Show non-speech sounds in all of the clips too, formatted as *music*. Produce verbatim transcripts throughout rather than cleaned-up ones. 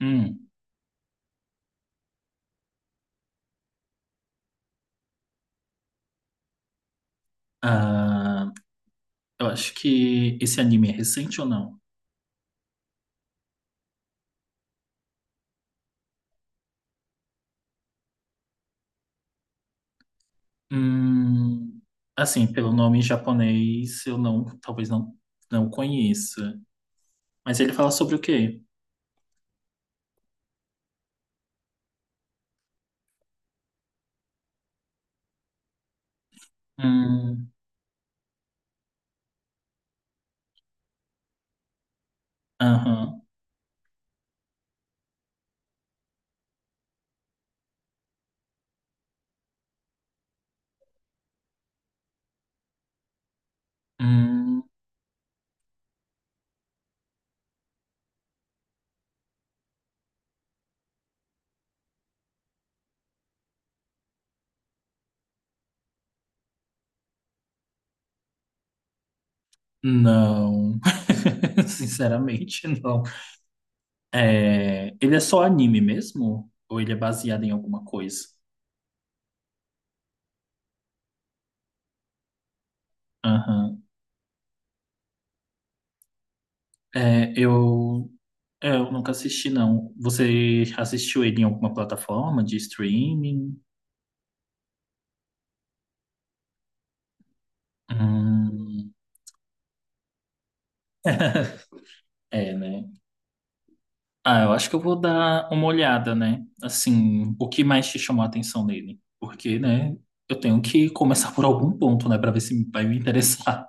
Hum, ah, eu acho que esse anime é recente ou não? Hum, assim, pelo nome em japonês, eu não, talvez não, não conheça. Mas ele fala sobre o quê? Hum. Aham. Hum. Não. *laughs* Sinceramente, não. É, ele é só anime mesmo? Ou ele é baseado em alguma coisa? Aham. É, eu, eu nunca assisti, não. Você assistiu ele em alguma plataforma de streaming? Hum. *laughs* É, né? Ah, eu acho que eu vou dar uma olhada, né? Assim, o que mais te chamou a atenção nele? Porque, né, eu tenho que começar por algum ponto, né, pra ver se vai me interessar.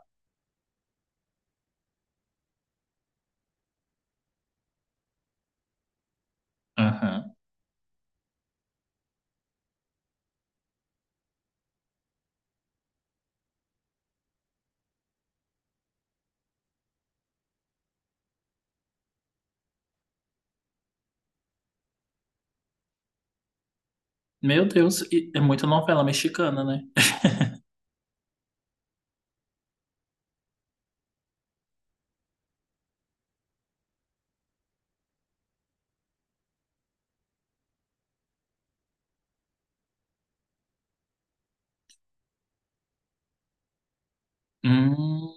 *laughs* Aham. Meu Deus, e é muita novela mexicana, né? Hum,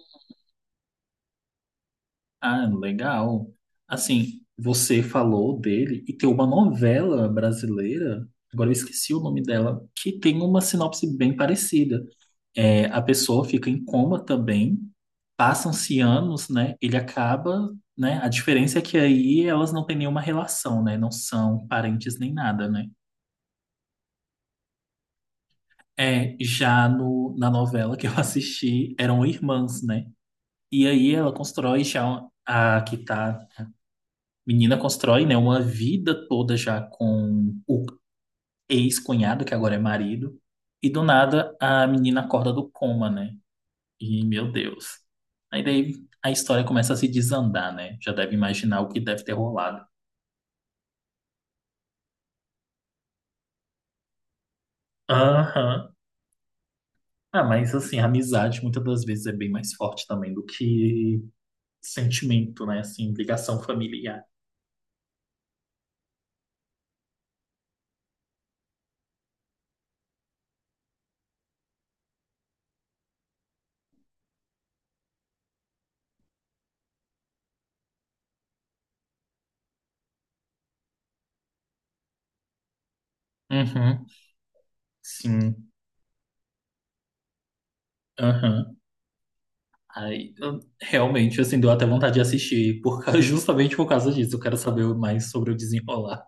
ah, legal. Assim, você falou dele e tem uma novela brasileira, agora eu esqueci o nome dela, que tem uma sinopse bem parecida. É, a pessoa fica em coma também, passam-se anos, né? Ele acaba, né? A diferença é que aí elas não têm nenhuma relação, né? Não são parentes nem nada, né? É, já no, na novela que eu *laughs* assisti, eram irmãs, né? E aí ela constrói já a que tá. Menina constrói, né, uma vida toda já com o ex-cunhado, que agora é marido, e do nada a menina acorda do coma, né? E, meu Deus. Aí daí a história começa a se desandar, né? Já deve imaginar o que deve ter rolado. Aham. Ah, mas assim, a amizade muitas das vezes é bem mais forte também do que sentimento, né? Assim, ligação familiar. Uhum. Sim. Aham. Aí, eu- realmente, assim, deu até vontade de assistir, por, causa- *laughs* justamente por causa disso. Eu quero saber mais sobre o desenrolar.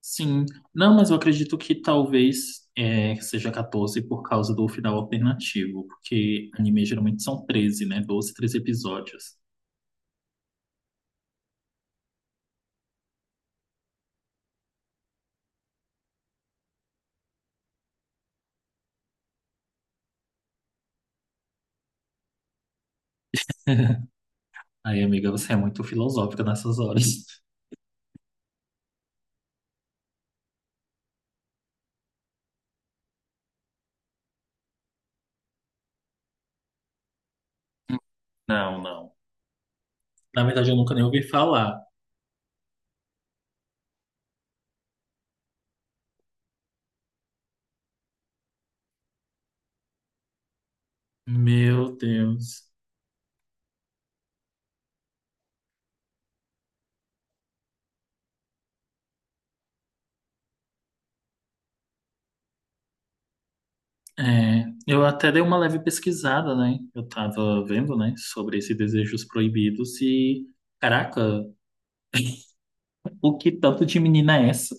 Sim, não, mas eu acredito que talvez é, seja quatorze por causa do final alternativo, porque anime geralmente são treze, né? Doze, treze episódios. Aí, amiga, você é muito filosófica nessas horas. Não, não. Na verdade, eu nunca nem ouvi falar. Meu Deus. É, eu até dei uma leve pesquisada, né? Eu tava vendo, né, sobre esses desejos proibidos e, caraca, o que tanto de menina é essa?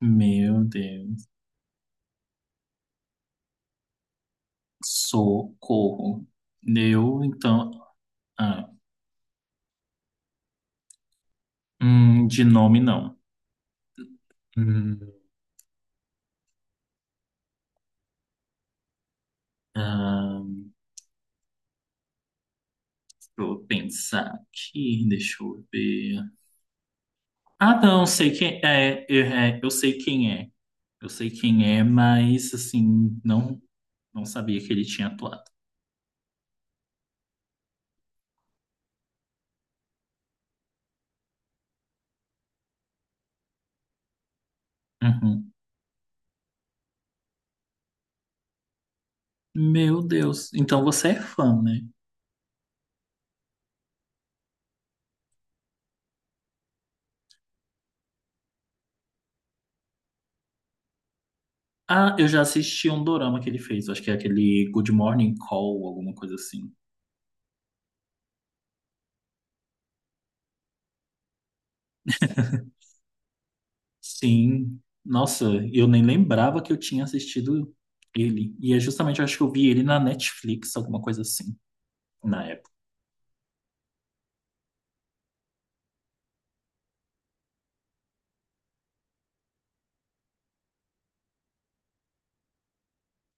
Meu Deus. Socorro. Eu, então. Ah. Hum, de nome, não. Hum, ah, deixa eu pensar aqui, deixa eu ver. Ah, não sei quem é. Eu, é, eu sei quem é. Eu sei quem é, mas, assim, não, não sabia que ele tinha atuado. Uhum. Meu Deus. Então você é fã, né? Ah, eu já assisti um dorama que ele fez. Acho que é aquele Good Morning Call, alguma coisa assim. Sim, nossa, eu nem lembrava que eu tinha assistido ele. E é justamente, eu acho que eu vi ele na Netflix, alguma coisa assim, na época.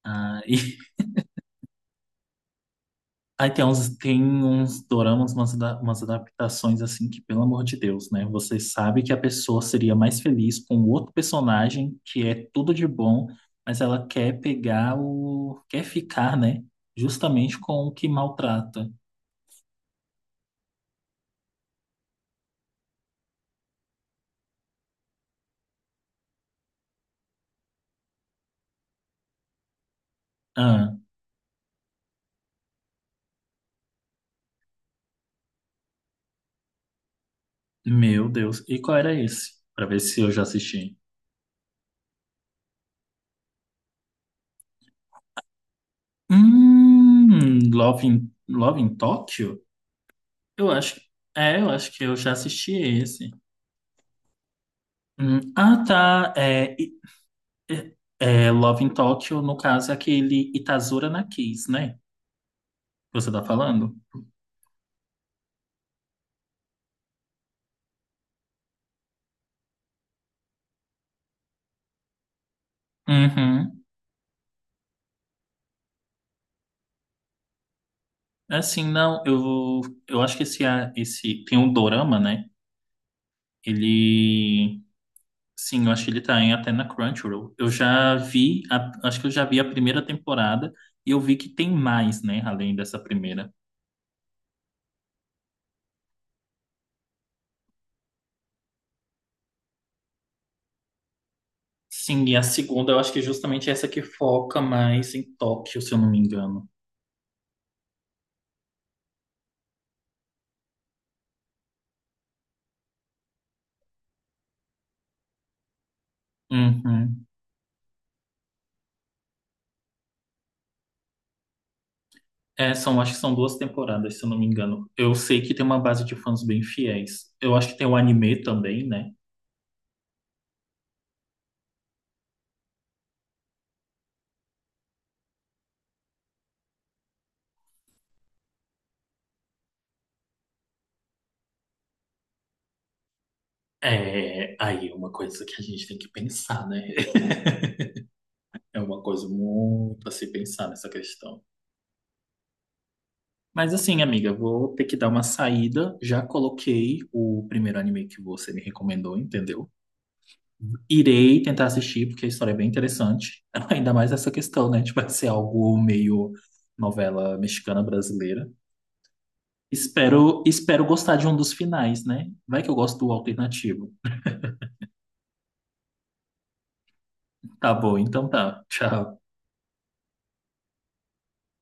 Ah, e *laughs* aí tem uns, tem uns doramas, umas, ada- umas adaptações assim que, pelo amor de Deus, né? Você sabe que a pessoa seria mais feliz com outro personagem que é tudo de bom, mas ela quer pegar o quer ficar, né? Justamente com o que maltrata. Ah, meu Deus. E qual era esse? Pra ver se eu já assisti. Hum, Love in, Love in Tóquio? Eu acho, é, eu acho que eu já assisti esse. Hum, ah, tá. É, e- é, é, Love in Tóquio, no caso, é aquele Itazura na Kiss, né? Que você tá falando? Uhum. Assim, não, eu, eu acho que esse, a- esse tem um dorama, né? Ele, sim, eu acho que ele tá em, até na Crunchyroll. Eu já vi, a- acho que eu já vi a primeira temporada e eu vi que tem mais, né? Além dessa primeira. Sim, e a segunda eu acho que é justamente essa que foca mais em Tóquio, se eu não me engano. Uhum. É, são, acho que são duas temporadas, se eu não me engano. Eu sei que tem uma base de fãs bem fiéis. Eu acho que tem o anime também, né? É, aí é uma coisa que a gente tem que pensar, né? *laughs* É uma coisa muito a se pensar nessa questão. Mas assim, amiga, vou ter que dar uma saída. Já coloquei o primeiro anime que você me recomendou, entendeu? Irei tentar assistir, porque a história é bem interessante. *laughs* Ainda mais essa questão, né? Tipo, vai ser algo meio novela mexicana brasileira. Espero, espero gostar de um dos finais, né? Vai que eu gosto do alternativo. Tá bom, então tá. Tchau.